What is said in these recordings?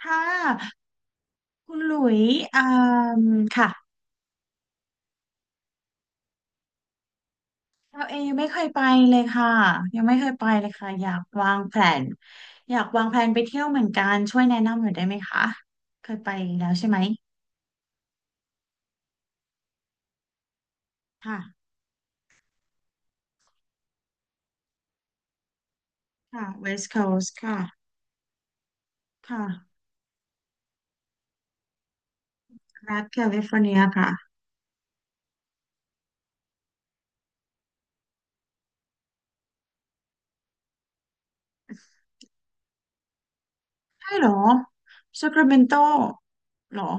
ค่ะคุณหลุยอ่ามค่ะเราเองไม่เคยไปเลยค่ะยังไม่เคยไปเลยค่ะอยากวางแผนอยากวางแผนไปเที่ยวเหมือนกันช่วยแนะนำหน่อยได้ไหมคะเคยไปแล้วใช่ไหมค่ะค่ะ West Coast ค่ะค่ะรัฐแคลิฟอร์เนียค่ะใช่เหรอซ a คราเมนโตหรอ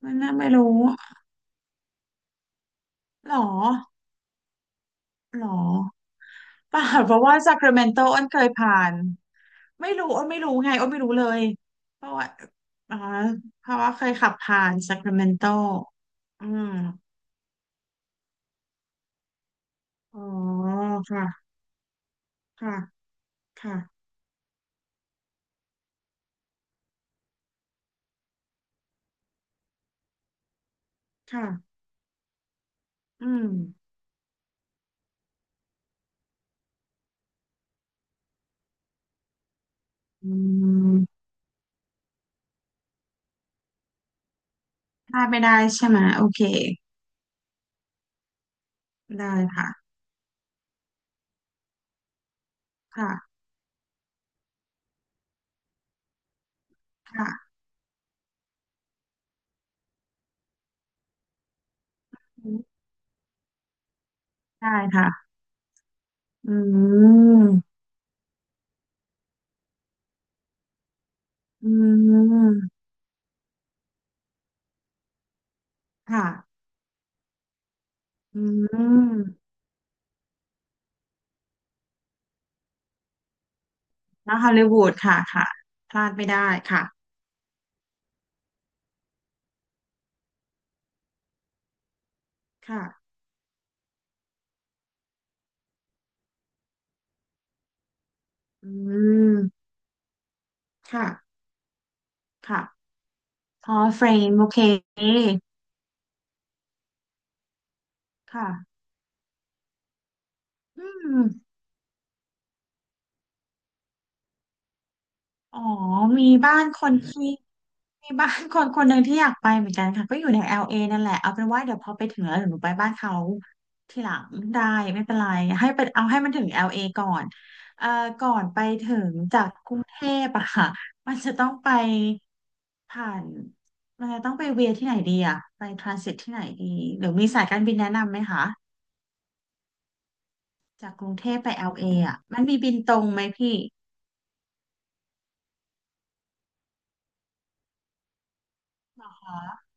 ไม่น่าไม่รู้หรอหรอเปล่าเพราะว่าซ a คราเมนโตอ้นเคยผ่าน ไม่รู้อ้นไม่รู้เลยเพราะว่าอ๋อเพราะว่าเคยขับผ่านซัคราเมนโตอืมอ๋อค่ะค่ะค่ะค่ะอืมอืมพลาดไม่ได้ใช่ไหมโอเคได้ค่ะค่ะค่ะได้ค่ะอืมอืมค่ะอืมแล้วฮอลลีวูดค่ะค่ะพลาดไม่ได้ค่ะค่ะอืมค่ะค่ะ อ๋อเฟรมโอเคค่ะอืมอ๋อมีบ้านคนที่มีบ้านคนคนหนึ่งที่อยากไปเหมือนกันค่ะก็อยู่ใน LA นั่นแหละเอาเป็นว่าเดี๋ยวพอไปถึงแล้วเดี๋ยวหนูไปบ้านเขาทีหลังได้ไม่เป็นไรให้เป็นเอาให้มันถึง LA ก่อนเอ่อก่อนไปถึงจากกรุงเทพอะค่ะมันจะต้องไปผ่านมันจะต้องไปเวียที่ไหนดีอะไปทรานสิตที่ไหนดีหรือมีสายการบินแนะนำไหมคะจากกรุงเทพไป LA อลเออะมันมีบินตรงไหมพี่ เหรอคะ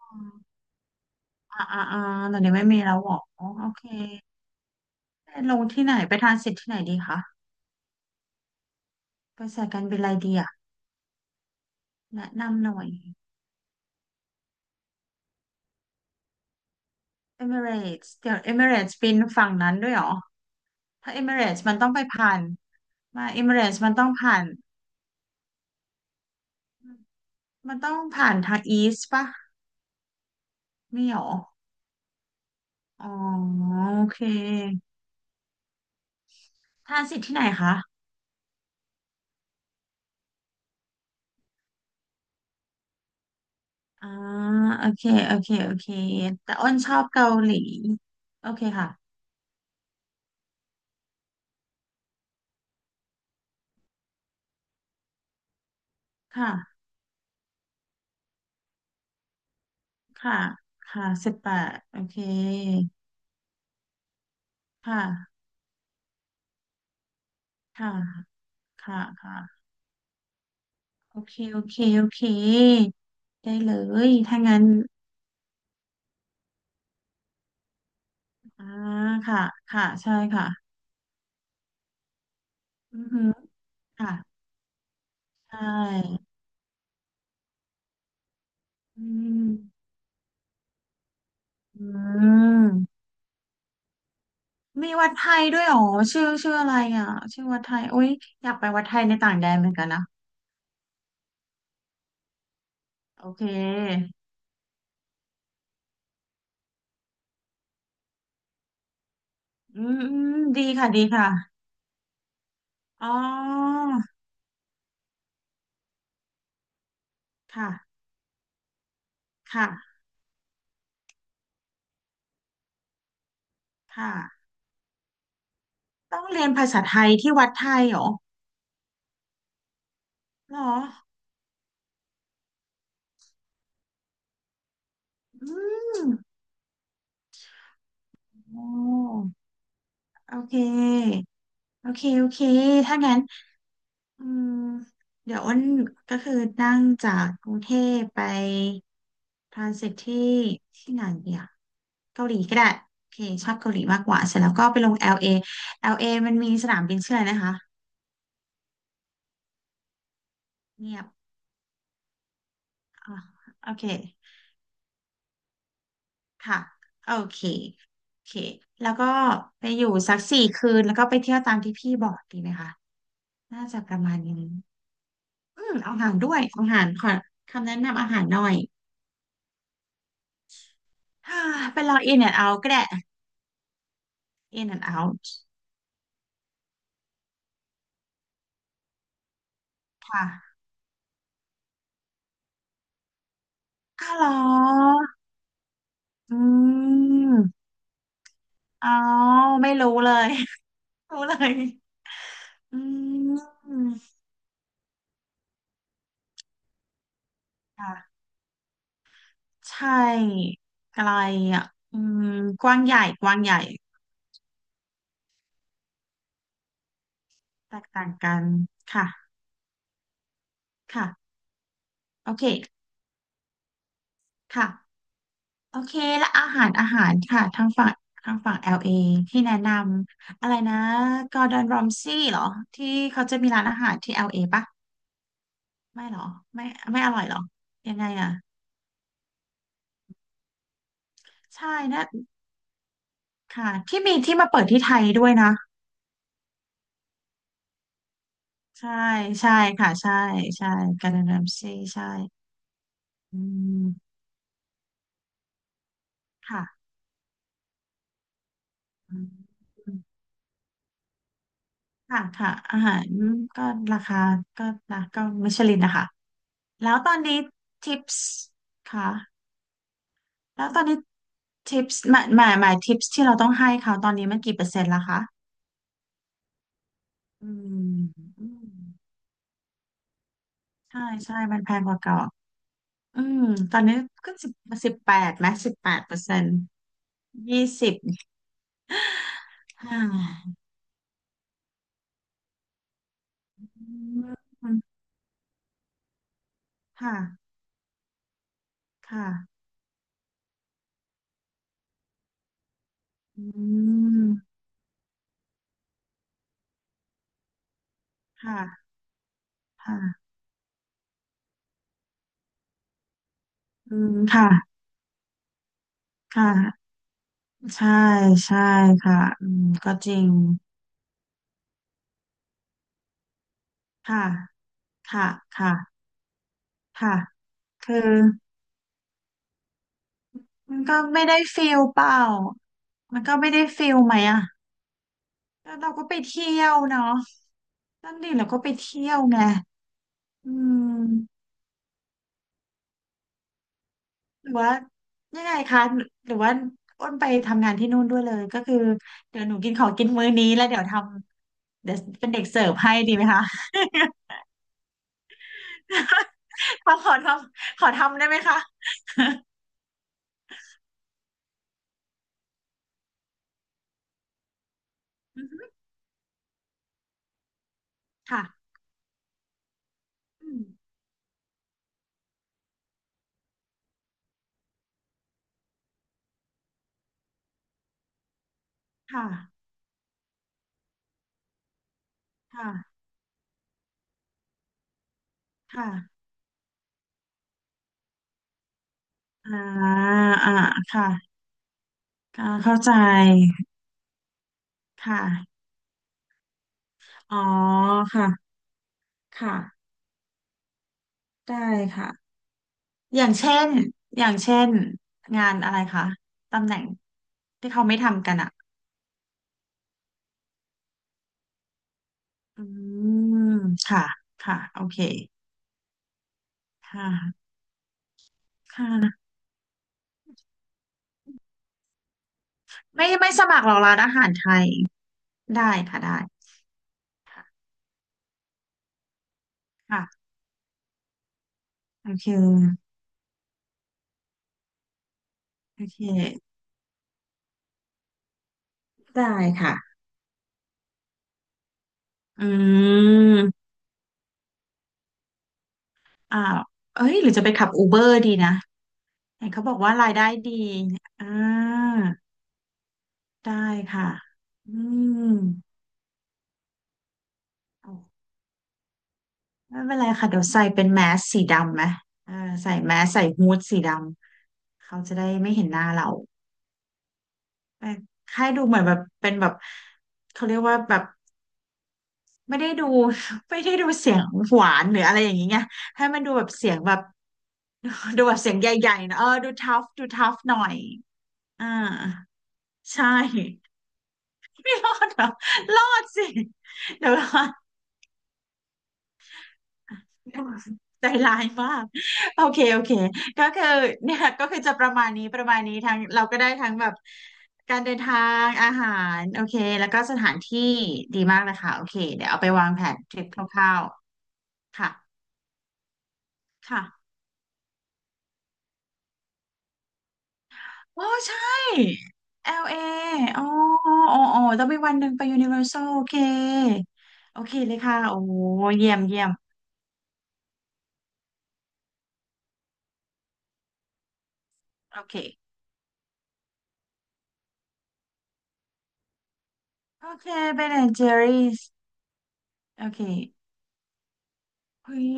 อืมอ่าอ่าอ่าตอนนี้ไม่มีแล้วเหรออ๋อโอเคไปลงที่ไหนไปทรานสิตที่ไหนดีคะไปสายการบินอะไรดีอะแนะนำหน่อยเอมิเรตสเดี๋ยวเอมิเรตส์บินฝั่งนั้นด้วยเหรอถ้าเอมิเรตสมันต้องไปผ่านมาเอมิเรตสมันต้องผ่านมันต้องผ่านทางอีสต์ปะไม่เหรออ๋อโอเคทรานสิตที่ไหนคะอ่าโอเคโอเคโอเคแต่อ้นชอบเกาหลีโอเคค่ะค่ะ ค่ะค่ะสิบแปดโอเคค่ะค่ะค่ะค่ะโอเคโอเคโอเคได้เลยถ้างั้นอ่าค่ะค่ะใช่ค่ะอือฮึค่ะใช่อืมอืมมีวัดไทยด้วยเหรอชื่ออะไรอ่ะชื่อวัดไทยโอ้ยอยากไปวัดไทยในต่างแดนเหมือนกันนะ โอเคอืมอืมดีค่ะ ดีค่ะอ๋อค่ะ ค่ะ ค่ะ ต้องเรียนภาษาไทยที่วัดไทยเหรอเหรอ อืมโอ้โอเค โอเค โอเค ถ้างั้นอืมเดี๋ยวอ้นก็คือนั่งจากกรุงเทพไปทรานสิตที่ที่ไหนเดีอะเกาหลีก็ได้ โอเค ชอบเกาหลีมากกว่า เสร็จแล้วก็ไปลง LA LA มันมีสนามบินชื่ออะไรนะคะเงียบอ่ะโอเค ค่ะโอเคโอเคแล้วก็ไปอยู่สักสี่คืนแล้วก็ไปเที่ยวตามที่พี่บอกดีไหมคะน่าจะประมาณนี้อืมเอาอาหารด้วยเอาอาหารขอคำแนะนำอาหารหน่อย ฮ่าไปลองอิน n อนด์าก็ได้อ n น n อ out าค่ะอ้าวเหรออืมอ๋อไม่รู้เลย รู้เลยอืมค่ะใช่อะไรอ่ะอืมกว้างใหญ่กว้างใหญ่แตกต่างกันค่ะค่ะ โอเคค่ะโอเคและอาหารอาหารค่ะทางฝั่งทางฝั่ง LA ที่แนะนำอะไรนะกอร์ดอนรอมซี่เหรอที่เขาจะมีร้านอาหารที่ LA ปะไม่เหรอไม่ไม่อร่อยเหรอยังไงอ่ะใช่นะค่ะที่มีที่มาเปิดที่ไทยด้วยนะใช่ใช่ค่ะใช่ใช่กอร์ดอนรอมซี่ใช่อืมค่ะอืมค่ะค่ะอาหารก็ราคาก็นะก็มิชลินนะคะแล้วตอนนี้ทิปส์ค่ะ แล้วตอนนี้ทิปส์หมายทิปส์ที่เราต้องให้เขาตอนนี้มันกี่เปอร์เซ็นต์แล้วคะอืมอืมใช่ใช่มันแพงกว่าเก่าอืมตอนนี้ก็สิบสิบแปดไหมสิบแปดเปอร์เซ็นต์ยี่สิบค่ะอืมค่ะค่ะอืมค่ะค่ะอืมค่ะค่ะใช่ใช่ค่ะอืมก็จริงค่ะค่ะค่ะค่ะคือ มันก็ไม่ได้ฟิลเปล่ามันก็ไม่ได้ฟิลไหมอะแล้วเราก็ไปเที่ยวเนาะนั่นดิเราก็ไปเที่ยวไงอืมหรือว่ายังไงคะ หรือว่าอ้นไปทำงานที่นู่นด้วยเลยก็คือเดี๋ยวหนูกินของกินมื้อนี้แล้วเดี๋ยวทำเดี๋ยวเป็นเด็กเสิร์ฟให้ดีไหมคะ ขอทำขอทำได้ไหมคะ ค่ะอืมค่ะค่ะค่ะอ่าอ่าค่ะค่ะเข้าใจ ค่ะ อ๋อค่ะค่ะได้ค่ะอย่างเช่นอย่างเช่นงานอะไรคะตำแหน่งที่เขาไม่ทำกันอ่ะอืมค่ะค่ะโอเคค่ะค่ะไม่ไม่สมัครหรอกร้านอาหารไทยได้ค่ะได้ค่ะโอเคโอเคได้ค่ะอืมอ้าวเอ้ยหรือจะไปขับอูเบอร์ดีนะเห็นเขาบอกว่ารายได้ดีอ่าได้ค่ะอืม ไม่เป็นไรค่ะเดี๋ยวใส่เป็นแมสสีดำไหมเออใส่แมสใส่ฮู้ดสีดำเขาจะได้ไม่เห็นหน้าเราแต่ให้ดูเหมือนแบบเป็นแบบเขาเรียกว่าแบบไม่ได้ดู ไม่ได้ดูเสียงหวานหรืออะไรอย่างนี้ไงให้มันดูแบบเสียงแบบ ดูแบบเสียงใหญ่ๆนะเออดูทัฟดูทัฟหน่อยอ่าใช่ ไม่รอดเหรอรอดสิเดี๋ยวรอ ใจร้ายมากโอเคโอเคก็คือเนี่ยก็คือจะประมาณนี้ประมาณนี้ทั้งเราก็ได้ทั้งแบบการเดินทางอาหารโอเคแล้วก็สถานที่ดีมากเลยค่ะโอเคเดี๋ยวเอาไปวางแผนทริปคร่าวๆค่ะค่ะโอ้ใช่ LA อลเออ๋ออ๋ออ๋อต้องมีวันหนึ่งไป Universal โอเคโอเคเลยค่ะโอ้เยี่ยมเยี่ยมโอเคโอเคไปไหน and Jerry's โอเค เฮ้ย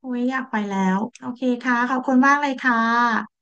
โอ้ยอยากไปแล้ว โอเคค่ะ ขอบคุณมากเลยค่ะ